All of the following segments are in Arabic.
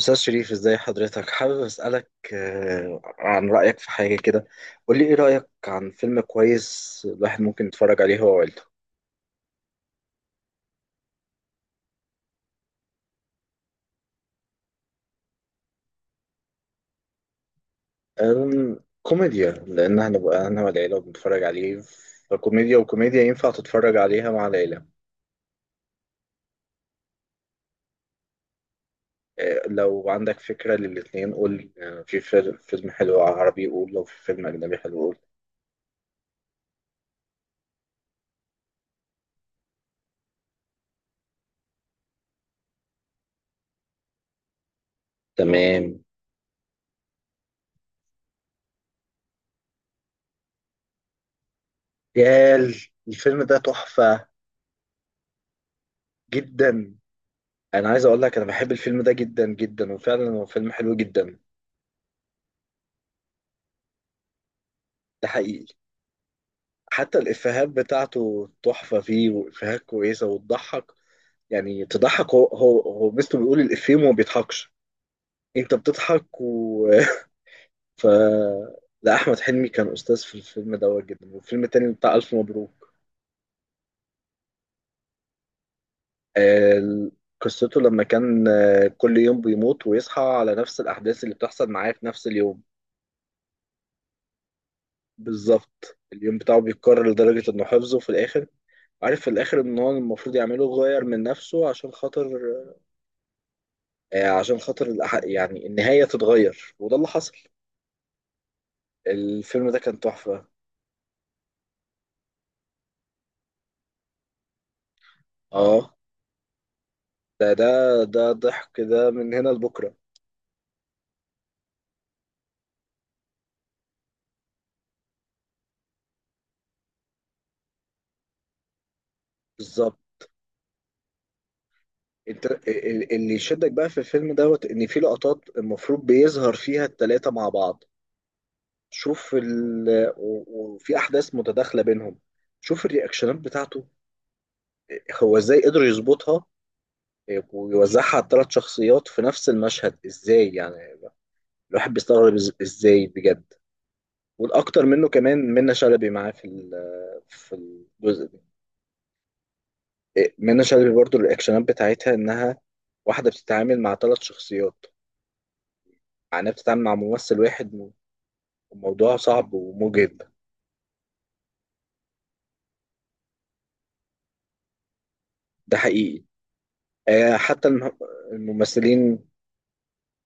أستاذ شريف، ازاي حضرتك؟ حابب أسألك عن رأيك في حاجة كده. قول لي ايه رأيك عن فيلم كويس الواحد ممكن يتفرج عليه هو وعيلته؟ كوميديا، لأن هنبقى أنا والعيلة بنتفرج عليه. فكوميديا، وكوميديا ينفع تتفرج عليها مع العيلة. لو عندك فكرة للاتنين قول. في فيلم حلو عربي قول، لو في فيلم أجنبي حلو قول. تمام. يا ال- الفيلم ده تحفة جدا. أنا عايز أقول لك، أنا بحب الفيلم ده جدا جدا، وفعلا هو فيلم حلو جدا. ده حقيقي. حتى الإفيهات بتاعته تحفة فيه، وإفيهات كويسة وتضحك، يعني تضحك. هو مستو، بيقول الإفيه وما بيضحكش، أنت بتضحك. ف لا، أحمد حلمي كان أستاذ في الفيلم دوت جدا، والفيلم التاني بتاع ألف مبروك. آه، قصته لما كان كل يوم بيموت ويصحى على نفس الأحداث اللي بتحصل معاه في نفس اليوم. بالظبط، اليوم بتاعه بيتكرر لدرجة إنه حفظه في الآخر. عارف في الآخر إن هو المفروض يعمله غير من نفسه، عشان خاطر عشان خاطر يعني النهاية تتغير، وده اللي حصل. الفيلم ده كان تحفة. اه. ده ضحك كده من هنا لبكرة. بالظبط. انت اللي يشدك بقى في الفيلم دوت ان في لقطات المفروض بيظهر فيها التلاتة مع بعض. شوف و- وفي احداث متداخلة بينهم. شوف الرياكشنات بتاعته، هو ازاي قدر يظبطها ويوزعها على الثلاث شخصيات في نفس المشهد، ازاي يعني. الواحد بيستغرب ازاي بجد. والاكتر منه كمان منة شلبي معاه في في الجزء ده. إيه، منة شلبي برضو الرياكشنات بتاعتها، انها واحده بتتعامل مع ثلاث شخصيات، معناها بتتعامل مع ممثل واحد. الموضوع صعب ومجهد. ده حقيقي. حتى الممثلين.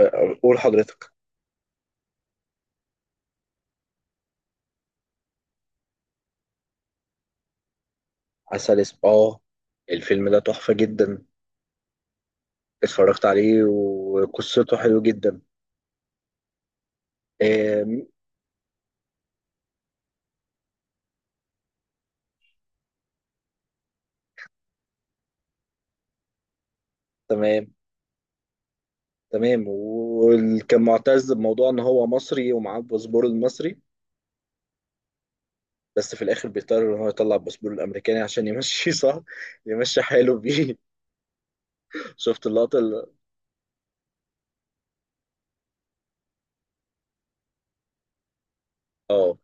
قول حضرتك. عسل، اسم، اه. الفيلم ده تحفه جدا. اتفرجت عليه وقصته حلوه جدا. آه، تمام، تمام. وكان معتز بموضوع ان هو مصري ومعاه الباسبور المصري، بس في الاخر بيضطر ان هو يطلع الباسبور الامريكاني عشان يمشي. صح، يمشي حاله بيه. شفت اللقطه اه.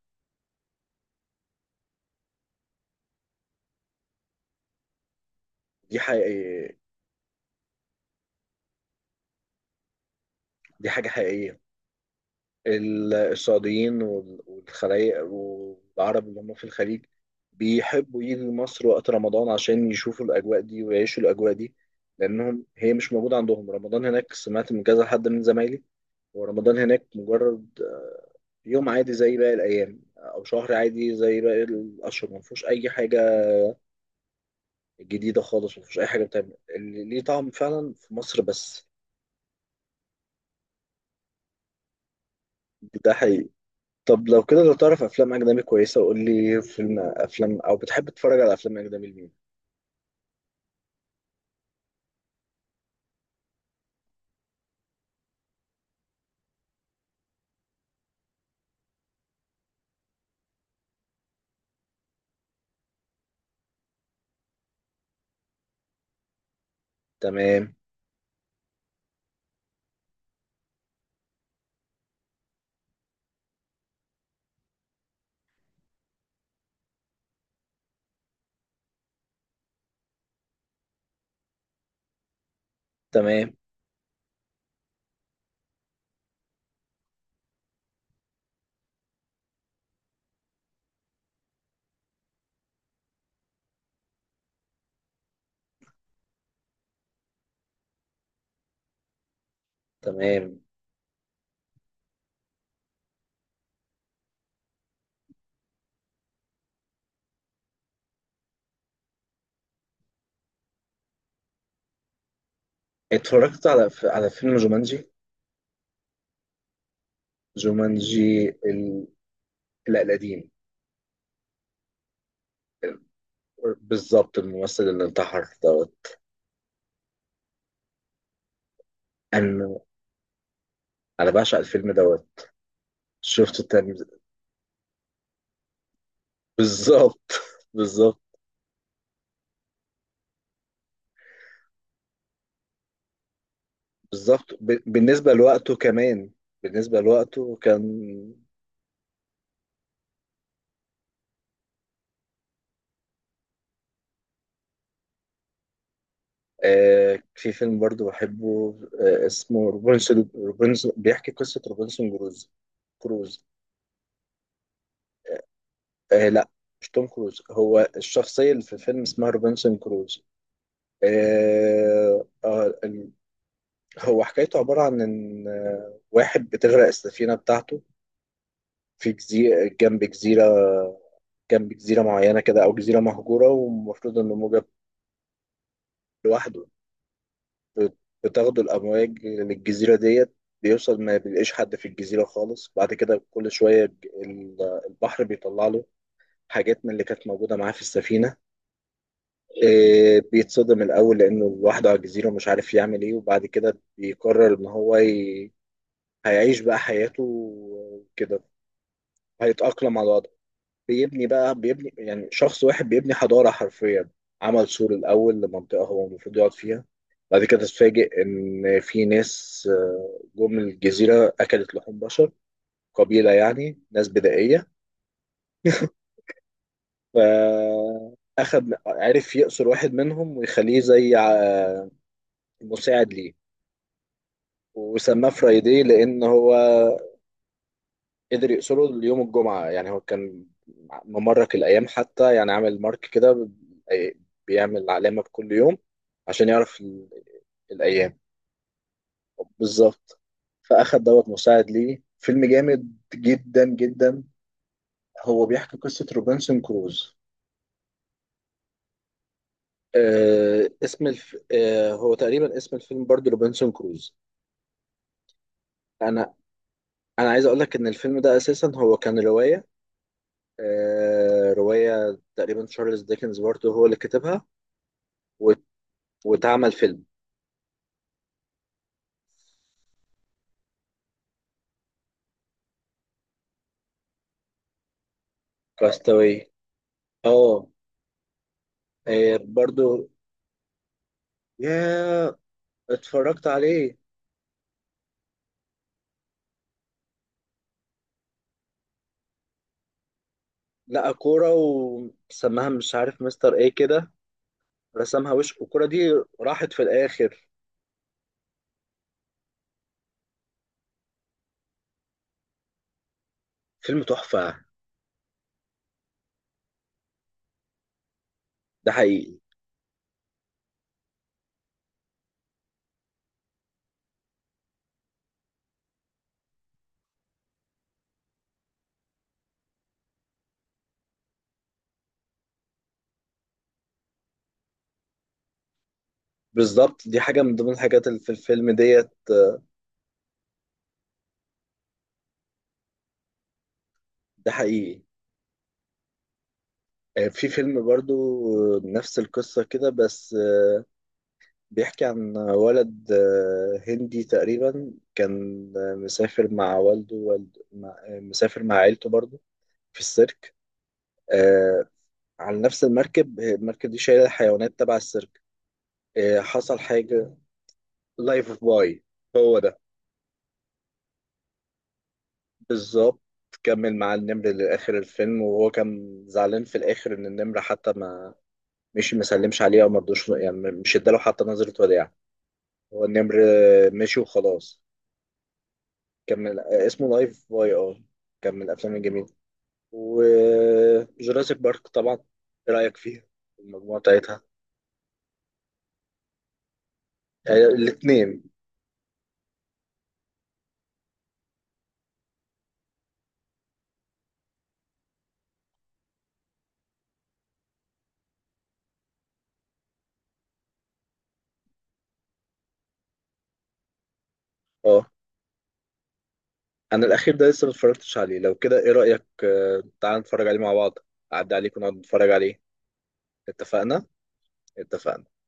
دي حقيقيه، دي حاجه حقيقيه. السعوديين والخلايق والعرب اللي هم في الخليج بيحبوا يجوا مصر وقت رمضان عشان يشوفوا الاجواء دي ويعيشوا الاجواء دي، لانهم هي مش موجوده عندهم. رمضان هناك، سمعت من كذا حد من زمايلي، ورمضان هناك مجرد يوم عادي زي باقي الايام، او شهر عادي زي باقي الاشهر، ما فيهوش اي حاجه جديدة خالص، ومفيش أي حاجة بتعمل اللي ليه طعم فعلا في مصر بس. ده حقيقي. طب لو كده، لو تعرف أفلام أجنبي كويسة قول لي فيلم، أفلام. أو بتحب تتفرج على أفلام أجنبي لمين؟ تمام، تمام، تمام. اتفرجت على على فيلم جومانجي. جومانجي لا، القديم. بالظبط، الممثل اللي انتحر دوت. أنا أنا بعشق الفيلم دوت. شفته تاني. بالظبط. بالظبط، بالظبط. بالنسبة لوقته كمان، بالنسبة لوقته كان. في فيلم برضو بحبه، اسمه روبنسون بيحكي قصة روبنسون كروز. كروز. لا، مش توم كروز، هو الشخصية اللي في الفيلم اسمها روبنسون كروز. آه آه ال- هو حكايته عبارة عن إن واحد بتغرق السفينة بتاعته في جزيرة، جنب جزيرة، جنب جزيرة معينة كده، أو جزيرة مهجورة، ومفروض إنه موجة. لوحده. بتاخدوا الأمواج للجزيرة ديت. بيوصل، ما بيلاقيش حد في الجزيرة خالص. بعد كده كل شوية البحر بيطلع له حاجات من اللي كانت موجودة معاه في السفينة. إيه، بيتصدم الأول لأنه لوحده على الجزيرة، مش عارف يعمل إيه، وبعد كده بيقرر إن هو هيعيش بقى حياته وكده. هيتأقلم على الوضع. بيبني، يعني شخص واحد بيبني حضارة حرفيا. عمل سور الأول لمنطقة هو المفروض يقعد فيها. بعد كده تتفاجئ إن في ناس جم الجزيرة، أكلت لحوم بشر، قبيلة يعني ناس بدائية. فأخد، عرف يأسر واحد منهم ويخليه زي مساعد ليه. وسماه فرايدي، لأن هو قدر يقصره ليوم الجمعة. يعني هو كان ممرك الأيام حتى، يعني عامل مارك كده، بيعمل علامة بكل يوم عشان يعرف الأيام. بالظبط. فأخد دوت مساعد ليه. فيلم جامد جدا جدا. هو بيحكي قصة روبنسون كروز. هو تقريبا اسم الفيلم برضه روبنسون كروز. أنا أنا عايز أقول لك إن الفيلم ده أساسا هو كان رواية. رواية تقريبا تشارلز ديكنز برضه هو اللي كتبها، و... واتعمل فيلم. كاستاوي. اه. برضو. يا اتفرجت عليه. لقى كورة وسماها مش عارف مستر ايه كده، رسمها وش، والكورة دي راحت في الآخر. فيلم تحفة. ده حقيقي. بالظبط، دي حاجة من ضمن الحاجات اللي في الفيلم ديت. ده حقيقي. في فيلم برضو، نفس القصة كده، بس بيحكي عن ولد هندي تقريبا، كان مسافر مع والده والد... مع... آه، مسافر مع عيلته برضو في السيرك. آه على نفس المركب، المركب دي شايلة حيوانات تبع السيرك. حصل حاجة. لايف باي، هو ده. بالظبط، كمل مع النمر لآخر الفيلم، وهو كان زعلان في الآخر إن النمر حتى ما مشي مسلمش عليه أو مرضوش، يعني مش اداله حتى نظرة وداع. هو النمر مشي وخلاص. كمل. اسمه لايف باي. اه كان من الأفلام الجميلة. وجوراسيك بارك طبعا، إيه رأيك فيها؟ المجموعة بتاعتها. يعني الاتنين. اه. انا الاخير ده لسه ما اتفرجتش عليه. لو كده ايه رايك؟ تعال نتفرج عليه مع بعض. اعدي عليك ونقعد نتفرج عليه. اتفقنا، اتفقنا.